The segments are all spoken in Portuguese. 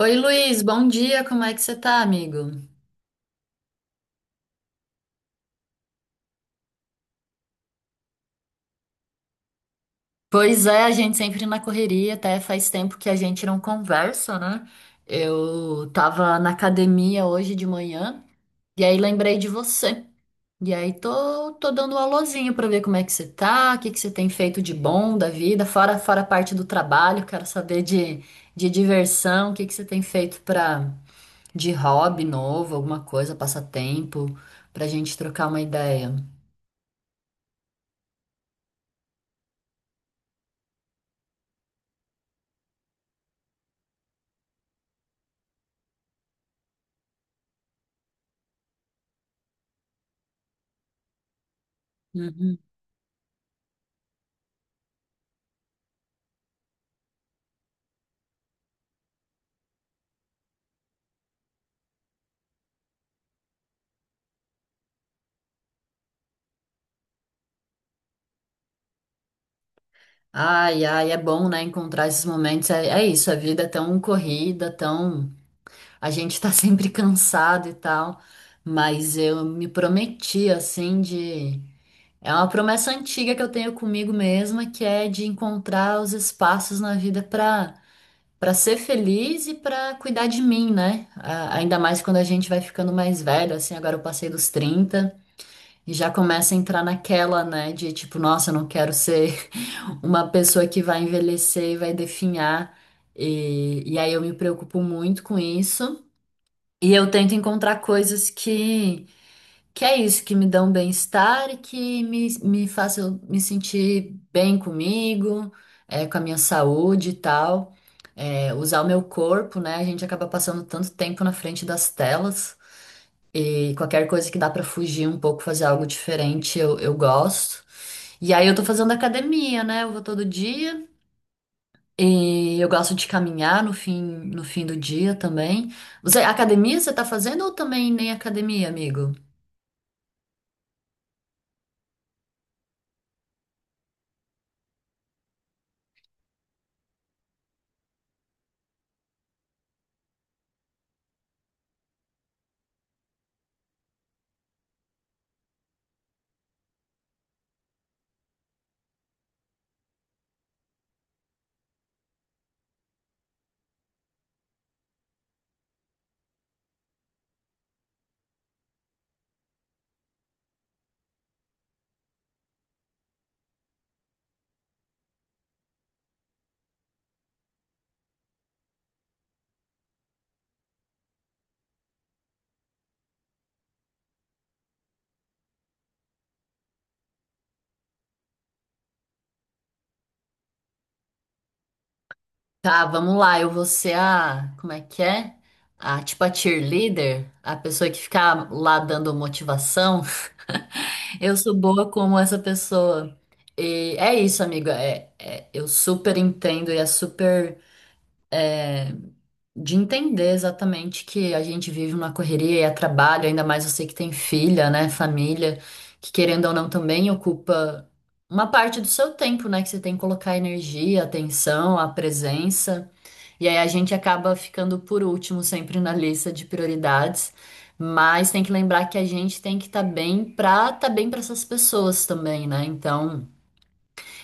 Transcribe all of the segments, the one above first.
Oi, Luiz, bom dia, como é que você tá, amigo? Pois é, a gente sempre na correria, até faz tempo que a gente não conversa, né? Eu tava na academia hoje de manhã e aí lembrei de você. E aí tô dando um alôzinho pra ver como é que você tá, o que que você tem feito de bom da vida, fora a parte do trabalho, quero saber de diversão, o que que você tem feito pra, de hobby novo, alguma coisa, passatempo, pra gente trocar uma ideia. Ai, ai, é bom, né, encontrar esses momentos. É, é isso, a vida é tão corrida, tão. A gente tá sempre cansado e tal. Mas eu me prometi, assim, de. É uma promessa antiga que eu tenho comigo mesma, que é de encontrar os espaços na vida pra, pra ser feliz e pra cuidar de mim, né? Ainda mais quando a gente vai ficando mais velho, assim, agora eu passei dos 30 e já começa a entrar naquela, né, de tipo, nossa, eu não quero ser uma pessoa que vai envelhecer e vai definhar. E aí eu me preocupo muito com isso. E eu tento encontrar coisas que é isso, que me dão bem-estar e que me façam me sentir bem comigo, é, com a minha saúde e tal. É, usar o meu corpo, né? A gente acaba passando tanto tempo na frente das telas. E qualquer coisa que dá pra fugir um pouco, fazer algo diferente, eu gosto. E aí eu tô fazendo academia, né? Eu vou todo dia. E eu gosto de caminhar no fim do dia também. Você, academia você tá fazendo ou também nem academia, amigo? Tá, vamos lá. Eu vou ser a, como é que é? A tipo a cheerleader, a pessoa que fica lá dando motivação. Eu sou boa como essa pessoa. E é isso, amiga. É, eu super entendo e é super. De entender exatamente que a gente vive uma correria e é trabalho, ainda mais você que tem filha, né, família, que querendo ou não também ocupa uma parte do seu tempo, né, que você tem que colocar energia, atenção, a presença. E aí a gente acaba ficando por último sempre na lista de prioridades, mas tem que lembrar que a gente tem que estar bem para essas pessoas também, né? Então,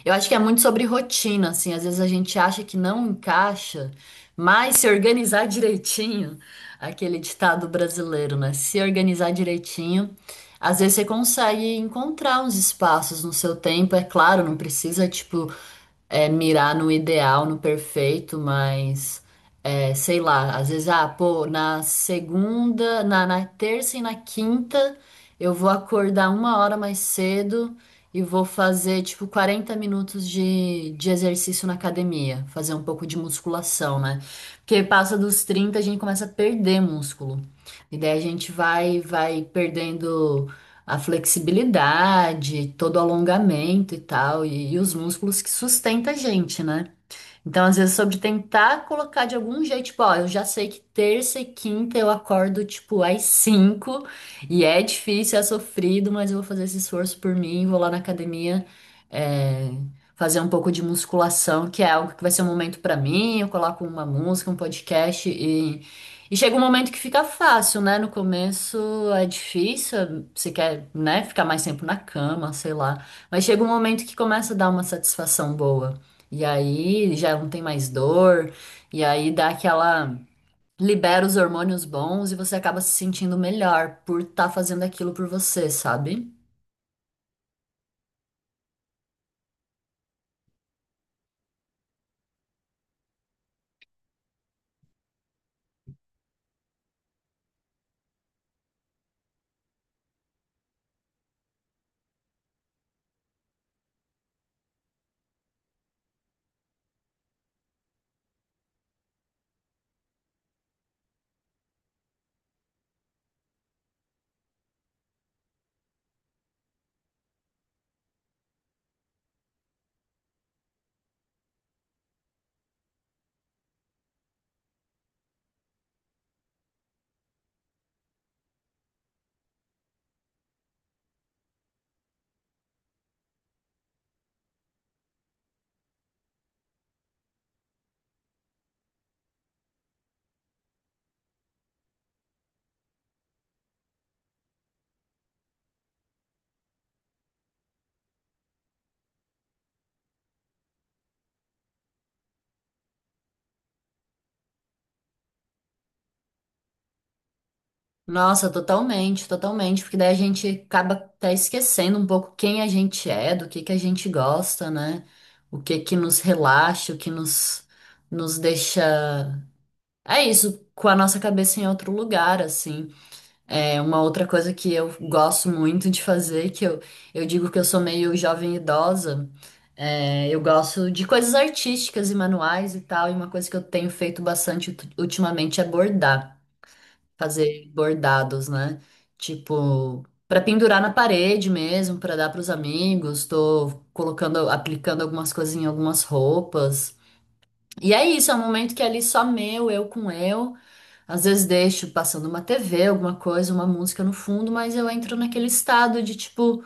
eu acho que é muito sobre rotina, assim. Às vezes a gente acha que não encaixa, mas se organizar direitinho, aquele ditado brasileiro, né? Se organizar direitinho, às vezes você consegue encontrar uns espaços no seu tempo. É claro, não precisa, tipo, é, mirar no ideal, no perfeito, mas é, sei lá, às vezes, ah, pô, na segunda, na terça e na quinta eu vou acordar uma hora mais cedo e vou fazer, tipo, 40 minutos de exercício na academia, fazer um pouco de musculação, né? Porque passa dos 30 a gente começa a perder músculo. E daí a gente vai perdendo a flexibilidade, todo o alongamento e tal, e os músculos que sustenta a gente, né? Então, às vezes, sobre tentar colocar de algum jeito, tipo, ó, eu já sei que terça e quinta eu acordo, tipo, às 5, e é difícil, é sofrido, mas eu vou fazer esse esforço por mim, vou lá na academia, é, fazer um pouco de musculação, que é algo que vai ser um momento pra mim, eu coloco uma música, um podcast, e chega um momento que fica fácil, né? No começo é difícil, você quer, né, ficar mais tempo na cama, sei lá, mas chega um momento que começa a dar uma satisfação boa. E aí já não tem mais dor, e aí dá aquela. Libera os hormônios bons e você acaba se sentindo melhor por estar fazendo aquilo por você, sabe? Nossa, totalmente, totalmente, porque daí a gente acaba até esquecendo um pouco quem a gente é, do que a gente gosta, né? O que que nos relaxa, o que nos deixa. É isso, com a nossa cabeça em outro lugar, assim. É uma outra coisa que eu gosto muito de fazer, que eu digo que eu sou meio jovem idosa, é, eu gosto de coisas artísticas e manuais e tal, e uma coisa que eu tenho feito bastante ultimamente é bordar, fazer bordados, né? Tipo, para pendurar na parede mesmo, para dar para os amigos, tô colocando, aplicando algumas coisas em algumas roupas. E é isso, é um momento que é ali só meu, eu com eu. Às vezes deixo passando uma TV, alguma coisa, uma música no fundo, mas eu entro naquele estado de tipo,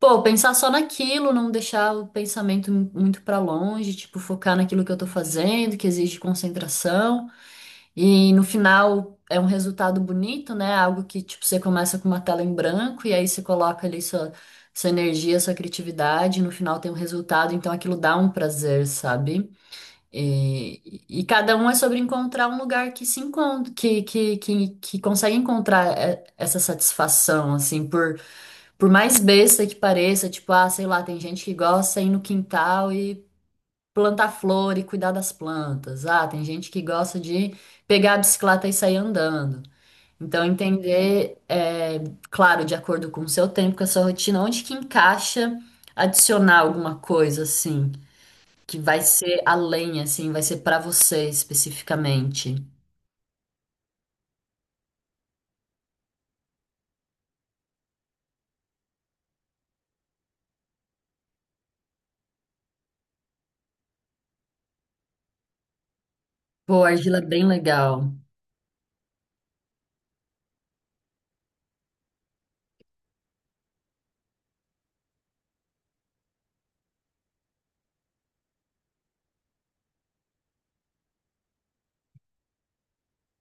pô, pensar só naquilo, não deixar o pensamento muito pra longe, tipo, focar naquilo que eu tô fazendo, que exige concentração. E no final é um resultado bonito, né? Algo que, tipo, você começa com uma tela em branco e aí você coloca ali sua, sua energia, sua criatividade, e no final tem um resultado, então aquilo dá um prazer, sabe? E cada um é sobre encontrar um lugar que se encontra, que consegue encontrar é, essa satisfação, assim, por mais besta que pareça, tipo, ah, sei lá, tem gente que gosta de ir no quintal e plantar flor e cuidar das plantas. Ah, tem gente que gosta de pegar a bicicleta e sair andando. Então, entender, é, claro, de acordo com o seu tempo, com a sua rotina, onde que encaixa adicionar alguma coisa, assim que vai ser além, assim, vai ser pra você especificamente. Pô, argila é bem legal.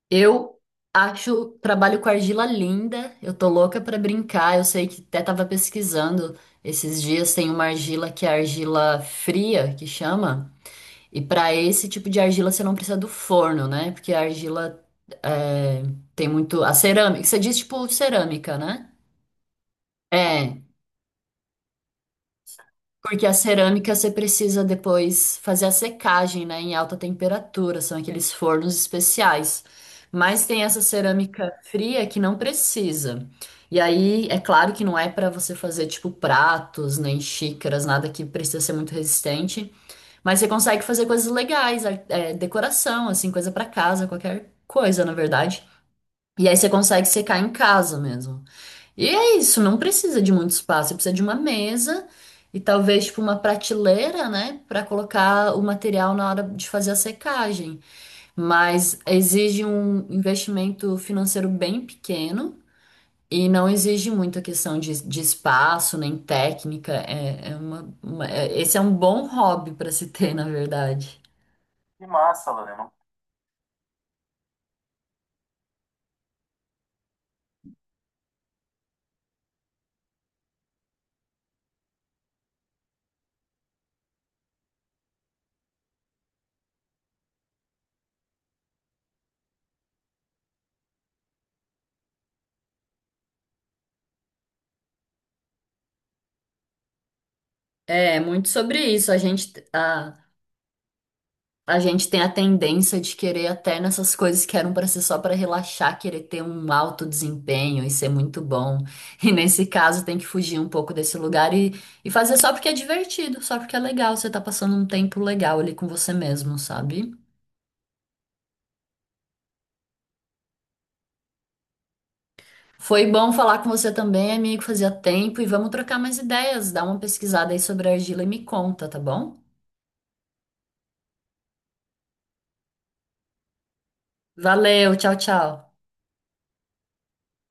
Eu acho, trabalho com argila linda, eu tô louca pra brincar. Eu sei que até tava pesquisando esses dias, tem uma argila que é argila fria, que chama. E pra esse tipo de argila você não precisa do forno, né? Porque a argila é, tem muito. A cerâmica, você diz tipo cerâmica, né? É, porque a cerâmica você precisa depois fazer a secagem, né, em alta temperatura, são aqueles fornos especiais. Mas tem essa cerâmica fria que não precisa. E aí, é claro que não é para você fazer tipo pratos, nem xícaras, nada que precisa ser muito resistente, mas você consegue fazer coisas legais, é, decoração, assim, coisa para casa, qualquer coisa, na verdade. E aí você consegue secar em casa mesmo. E é isso, não precisa de muito espaço, você precisa de uma mesa e talvez tipo uma prateleira, né, para colocar o material na hora de fazer a secagem. Mas exige um investimento financeiro bem pequeno e não exige muita questão de espaço nem técnica. É, é esse é um bom hobby para se ter, na verdade. Que massa, Lorena. É, muito sobre isso. A gente tem a tendência de querer até nessas coisas que eram para ser só para relaxar, querer ter um alto desempenho e ser muito bom. E nesse caso tem que fugir um pouco desse lugar e fazer só porque é divertido, só porque é legal, você tá passando um tempo legal ali com você mesmo, sabe? Foi bom falar com você também, amigo, fazia tempo e vamos trocar mais ideias, dá uma pesquisada aí sobre a argila e me conta, tá bom? Valeu, tchau, tchau.